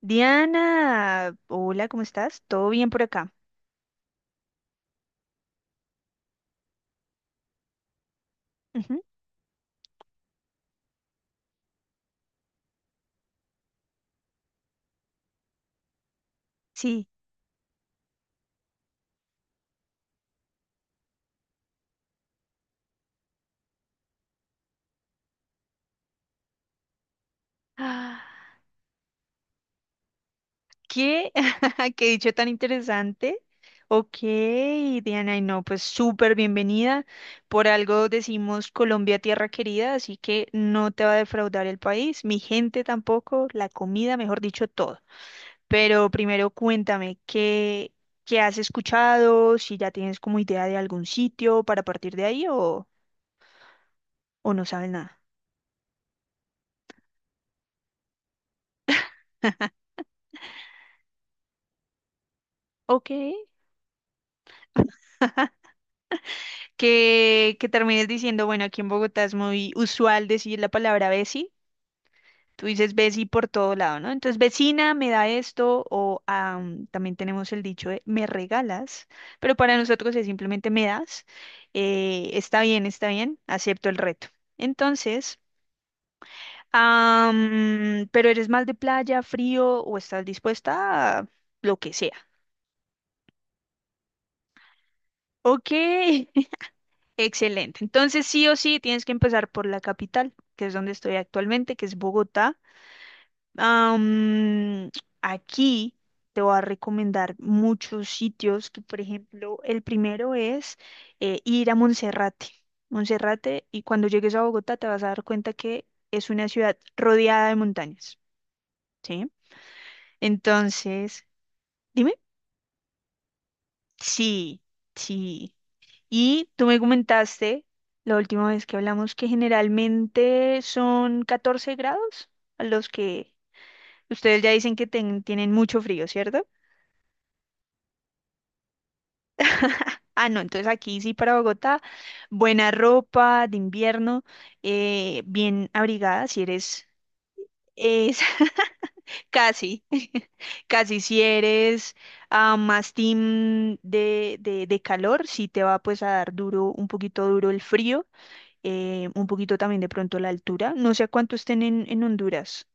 Diana, hola, ¿cómo estás? ¿Todo bien por acá? Ujú. Sí. Ah, ¿qué? ¿Qué dicho tan interesante? Ok, Diana, y no, pues súper bienvenida. Por algo decimos Colombia tierra querida, así que no te va a defraudar el país, mi gente tampoco, la comida, mejor dicho, todo. Pero primero cuéntame, ¿qué has escuchado? Si ya tienes como idea de algún sitio para partir de ahí o no sabes nada. Ok. Que termines diciendo, bueno, aquí en Bogotá es muy usual decir la palabra veci. Tú dices veci por todo lado, ¿no? Entonces, vecina, me da esto, o también tenemos el dicho de me regalas, pero para nosotros es simplemente me das. Está bien, está bien, acepto el reto. Entonces, pero eres más de playa, frío, o estás dispuesta a lo que sea. Ok. Excelente. Entonces, sí o sí, tienes que empezar por la capital, que es donde estoy actualmente, que es Bogotá. Am, Aquí te voy a recomendar muchos sitios, que por ejemplo, el primero es ir a Monserrate. Monserrate, y cuando llegues a Bogotá te vas a dar cuenta que es una ciudad rodeada de montañas, ¿sí? Entonces, dime. Sí, sí. Y tú me comentaste la última vez que hablamos que generalmente son 14 grados a los que ustedes ya dicen que tienen mucho frío, ¿cierto? Ah, no, entonces aquí sí para Bogotá, buena ropa de invierno, bien abrigada si eres, es casi, casi si eres más team de calor, sí te va pues a dar duro, un poquito duro el frío un poquito también de pronto la altura. No sé a cuánto estén en Honduras.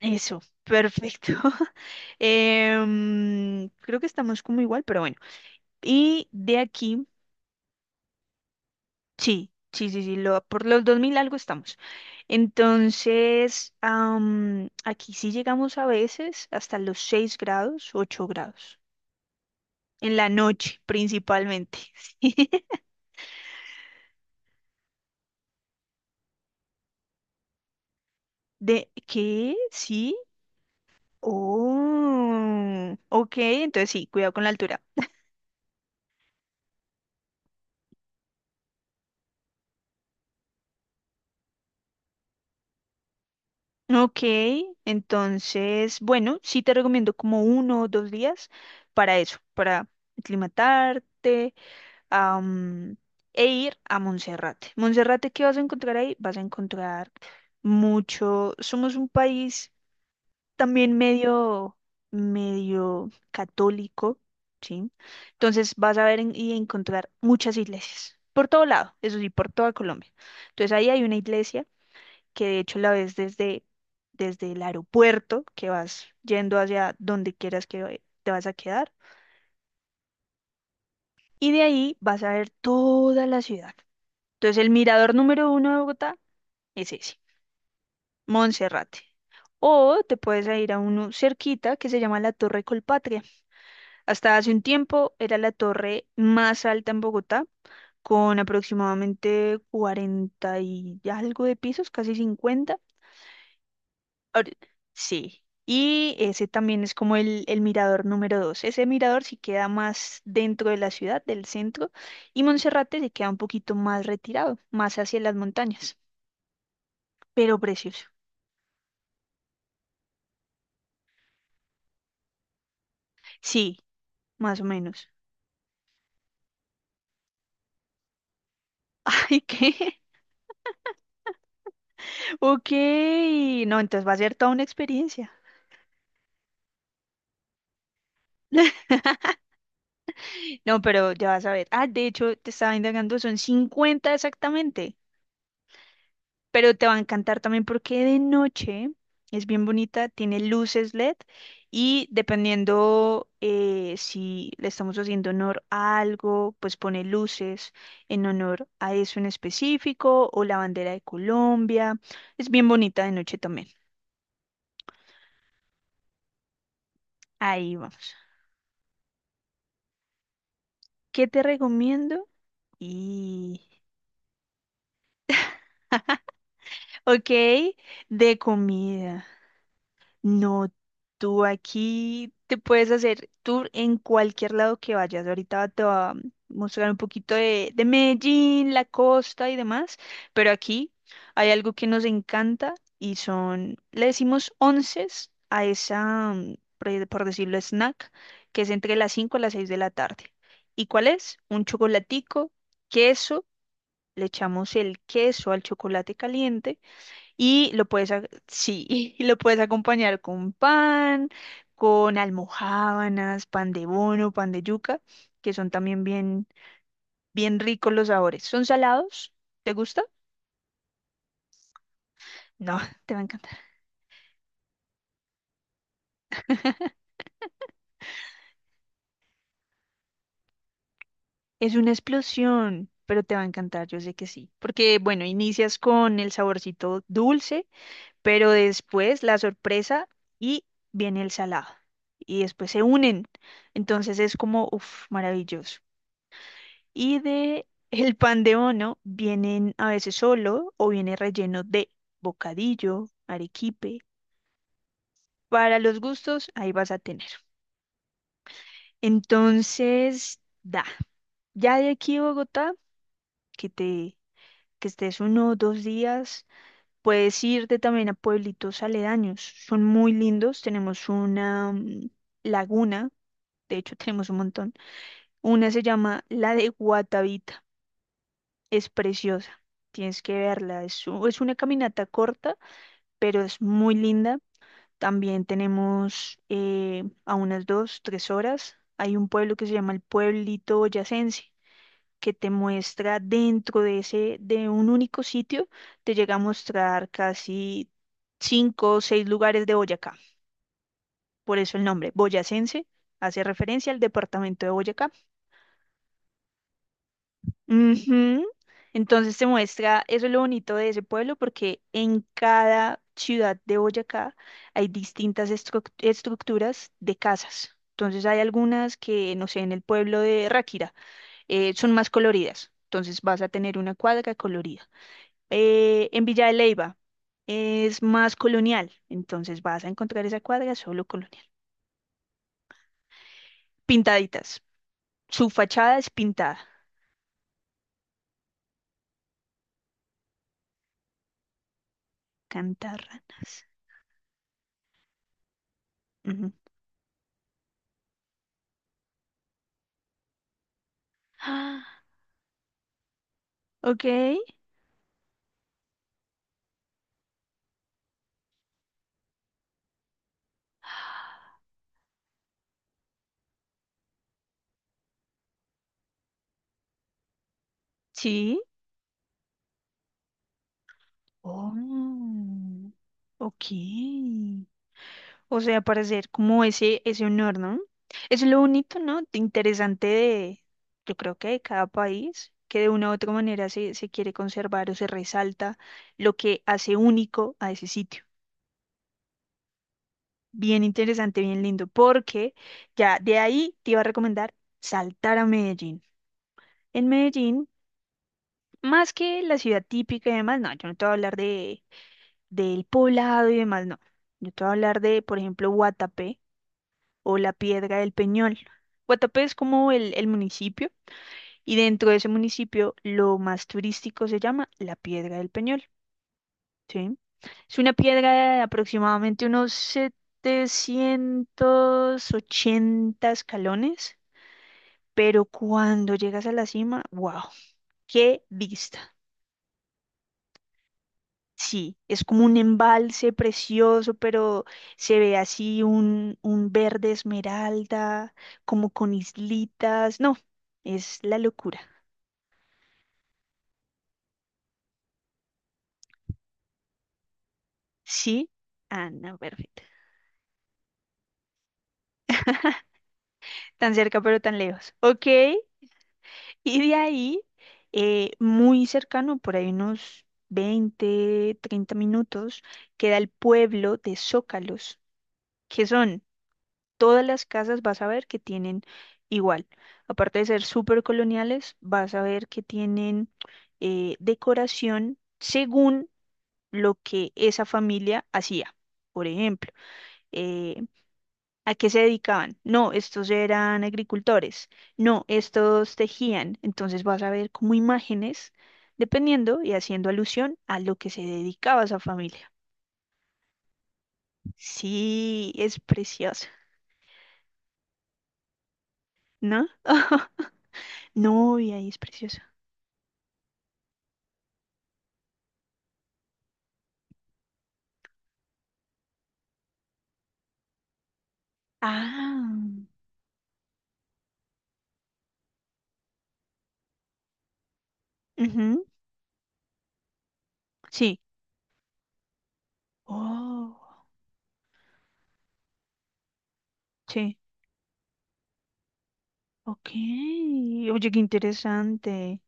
Eso, perfecto. Creo que estamos como igual, pero bueno. Y de aquí, sí, sí, sí, sí, por los 2000 algo estamos. Entonces, aquí sí llegamos a veces hasta los 6 grados, 8 grados. En la noche, principalmente. ¿De qué? ¿Sí? Oh, ok, entonces sí, cuidado con la altura. Ok, entonces, bueno, sí te recomiendo como uno o dos días para eso, para aclimatarte, am, e ir a Monserrate. Monserrate, ¿qué vas a encontrar ahí? Vas a encontrar mucho. Somos un país también medio, medio católico, ¿sí? Entonces vas a ver y encontrar muchas iglesias, por todo lado, eso sí, por toda Colombia. Entonces ahí hay una iglesia que de hecho la ves desde el aeropuerto, que vas yendo hacia donde quieras que te vas a quedar, y de ahí vas a ver toda la ciudad. Entonces el mirador número uno de Bogotá es ese, Monserrate. O te puedes a ir a uno cerquita que se llama la Torre Colpatria. Hasta hace un tiempo era la torre más alta en Bogotá, con aproximadamente 40 y algo de pisos, casi 50 ahori- sí. Y ese también es como el mirador número dos. Ese mirador sí queda más dentro de la ciudad, del centro, y Monserrate se queda un poquito más retirado, más hacia las montañas, pero precioso. Sí, más o menos. ¿Y qué? Ok. No, entonces va a ser toda una experiencia. No, pero ya vas a ver. Ah, de hecho, te estaba indagando, son 50 exactamente. Pero te va a encantar también porque de noche es bien bonita, tiene luces LED y dependiendo si le estamos haciendo honor a algo, pues pone luces en honor a eso en específico o la bandera de Colombia. Es bien bonita de noche también. Ahí vamos. ¿Qué te recomiendo? Y, ok, de comida. No, tú aquí te puedes hacer tour en cualquier lado que vayas. Ahorita te voy a mostrar un poquito de Medellín, la costa y demás, pero aquí hay algo que nos encanta y son, le decimos onces a esa, por decirlo, snack, que es entre las 5 y las 6 de la tarde. ¿Y cuál es? Un chocolatico, queso, le echamos el queso al chocolate caliente y lo puedes, sí, y lo puedes acompañar con pan, con almojábanas, pan de bono, pan de yuca, que son también bien, bien ricos los sabores. ¿Son salados? ¿Te gusta? No, te va a encantar. Es una explosión, pero te va a encantar, yo sé que sí. Porque, bueno, inicias con el saborcito dulce, pero después la sorpresa y viene el salado. Y después se unen. Entonces es como, uff, maravilloso. Y de el pan de bono vienen a veces solo o viene relleno de bocadillo, arequipe. Para los gustos, ahí vas a tener. Entonces, da. Ya de aquí a Bogotá, que te que estés uno o dos días, puedes irte también a pueblitos aledaños. Son muy lindos. Tenemos una laguna, de hecho tenemos un montón. Una se llama la de Guatavita. Es preciosa, tienes que verla. Es una caminata corta, pero es muy linda. También tenemos a unas 2, 3 horas. Hay un pueblo que se llama el Pueblito Boyacense, que te muestra dentro de un único sitio, te llega a mostrar casi cinco o seis lugares de Boyacá. Por eso el nombre, Boyacense, hace referencia al departamento de Boyacá. Ujú. Entonces se muestra, eso es lo bonito de ese pueblo, porque en cada ciudad de Boyacá hay distintas estructuras de casas. Entonces hay algunas que, no sé, en el pueblo de Ráquira son más coloridas. Entonces vas a tener una cuadra colorida. En Villa de Leyva es más colonial. Entonces vas a encontrar esa cuadra solo colonial. Pintaditas. Su fachada es pintada. Cantarranas. Ujú. Ah, ok. Sí. Oh, ok. O sea, para hacer como ese honor, ¿no? Eso es lo bonito, ¿no? de interesante de, yo creo que de cada país, que de una u otra manera se quiere conservar o se resalta lo que hace único a ese sitio. Bien interesante, bien lindo, porque ya de ahí te iba a recomendar saltar a Medellín. En Medellín, más que la ciudad típica y demás, no, yo no te voy a hablar del poblado y demás, no. Yo te voy a hablar de, por ejemplo, Guatapé o la Piedra del Peñol. Guatapé es como el municipio y dentro de ese municipio lo más turístico se llama la Piedra del Peñol, ¿sí? Es una piedra de aproximadamente unos 780 escalones, pero cuando llegas a la cima, wow, qué vista. Sí, es como un embalse precioso, pero se ve así un verde esmeralda, como con islitas. No, es la locura. Sí, ah, no, perfecto. Tan cerca, pero tan lejos. Ok, y de ahí, muy cercano, por ahí unos 20, 30 minutos, queda el pueblo de Zócalos, que son Todas las casas vas a ver que tienen igual. Aparte de ser súper coloniales, vas a ver que tienen decoración según lo que esa familia hacía. Por ejemplo, eh, ¿a qué se dedicaban? No, estos eran agricultores. No, estos tejían. Entonces vas a ver como imágenes, dependiendo y haciendo alusión a lo que se dedicaba esa familia. Sí, es precioso, ¿no? No, y ahí es precioso. Ah, ujú, sí. Oh, sí. Ok. Oye, qué interesante.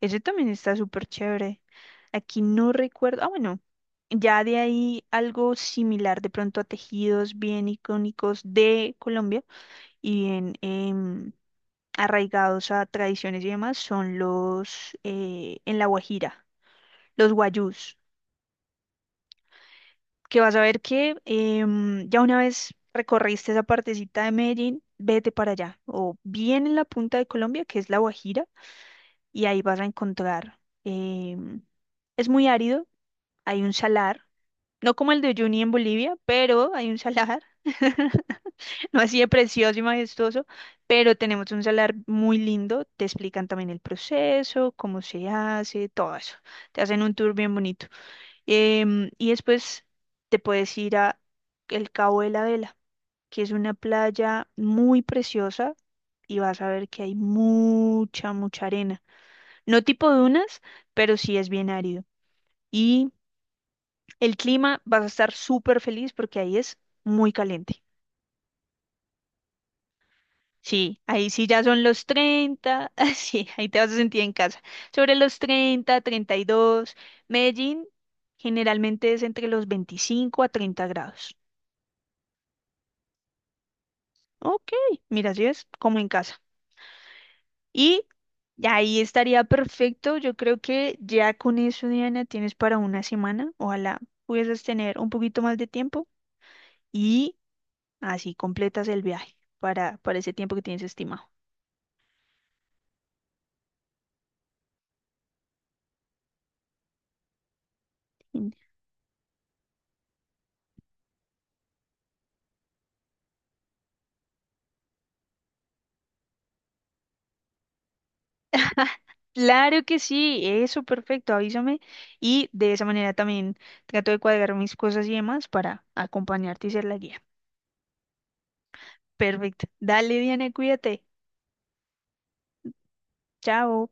Ese también está súper chévere. Aquí no recuerdo. Ah, bueno. Ya de ahí algo similar de pronto a tejidos bien icónicos de Colombia y bien arraigados a tradiciones y demás son los en La Guajira, los guayús. Que vas a ver que ya una vez recorriste esa partecita de Medellín, vete para allá, o bien en la punta de Colombia, que es La Guajira, y ahí vas a encontrar, em, es muy árido, hay un salar, no como el de Uyuni en Bolivia, pero hay un salar, no así de precioso y majestuoso, pero tenemos un salar muy lindo, te explican también el proceso, cómo se hace, todo eso, te hacen un tour bien bonito. Y después te puedes ir a el Cabo de la Vela, que es una playa muy preciosa y vas a ver que hay mucha, mucha arena. No tipo dunas, pero sí es bien árido. Y el clima vas a estar súper feliz porque ahí es muy caliente. Sí, ahí sí ya son los 30. Sí, ahí te vas a sentir en casa. Sobre los 30, 32. Medellín generalmente es entre los 25 a 30 grados. Ok, mira, así es como en casa. Y ahí estaría perfecto. Yo creo que ya con eso, Diana, tienes para una semana. Ojalá pudieses tener un poquito más de tiempo y así completas el viaje para ese tiempo que tienes estimado. Mm. Claro que sí, eso perfecto, avísame. Y de esa manera también trato de cuadrar mis cosas y demás para acompañarte y ser la guía. Perfecto. Dale, Diana, cuídate. Chao.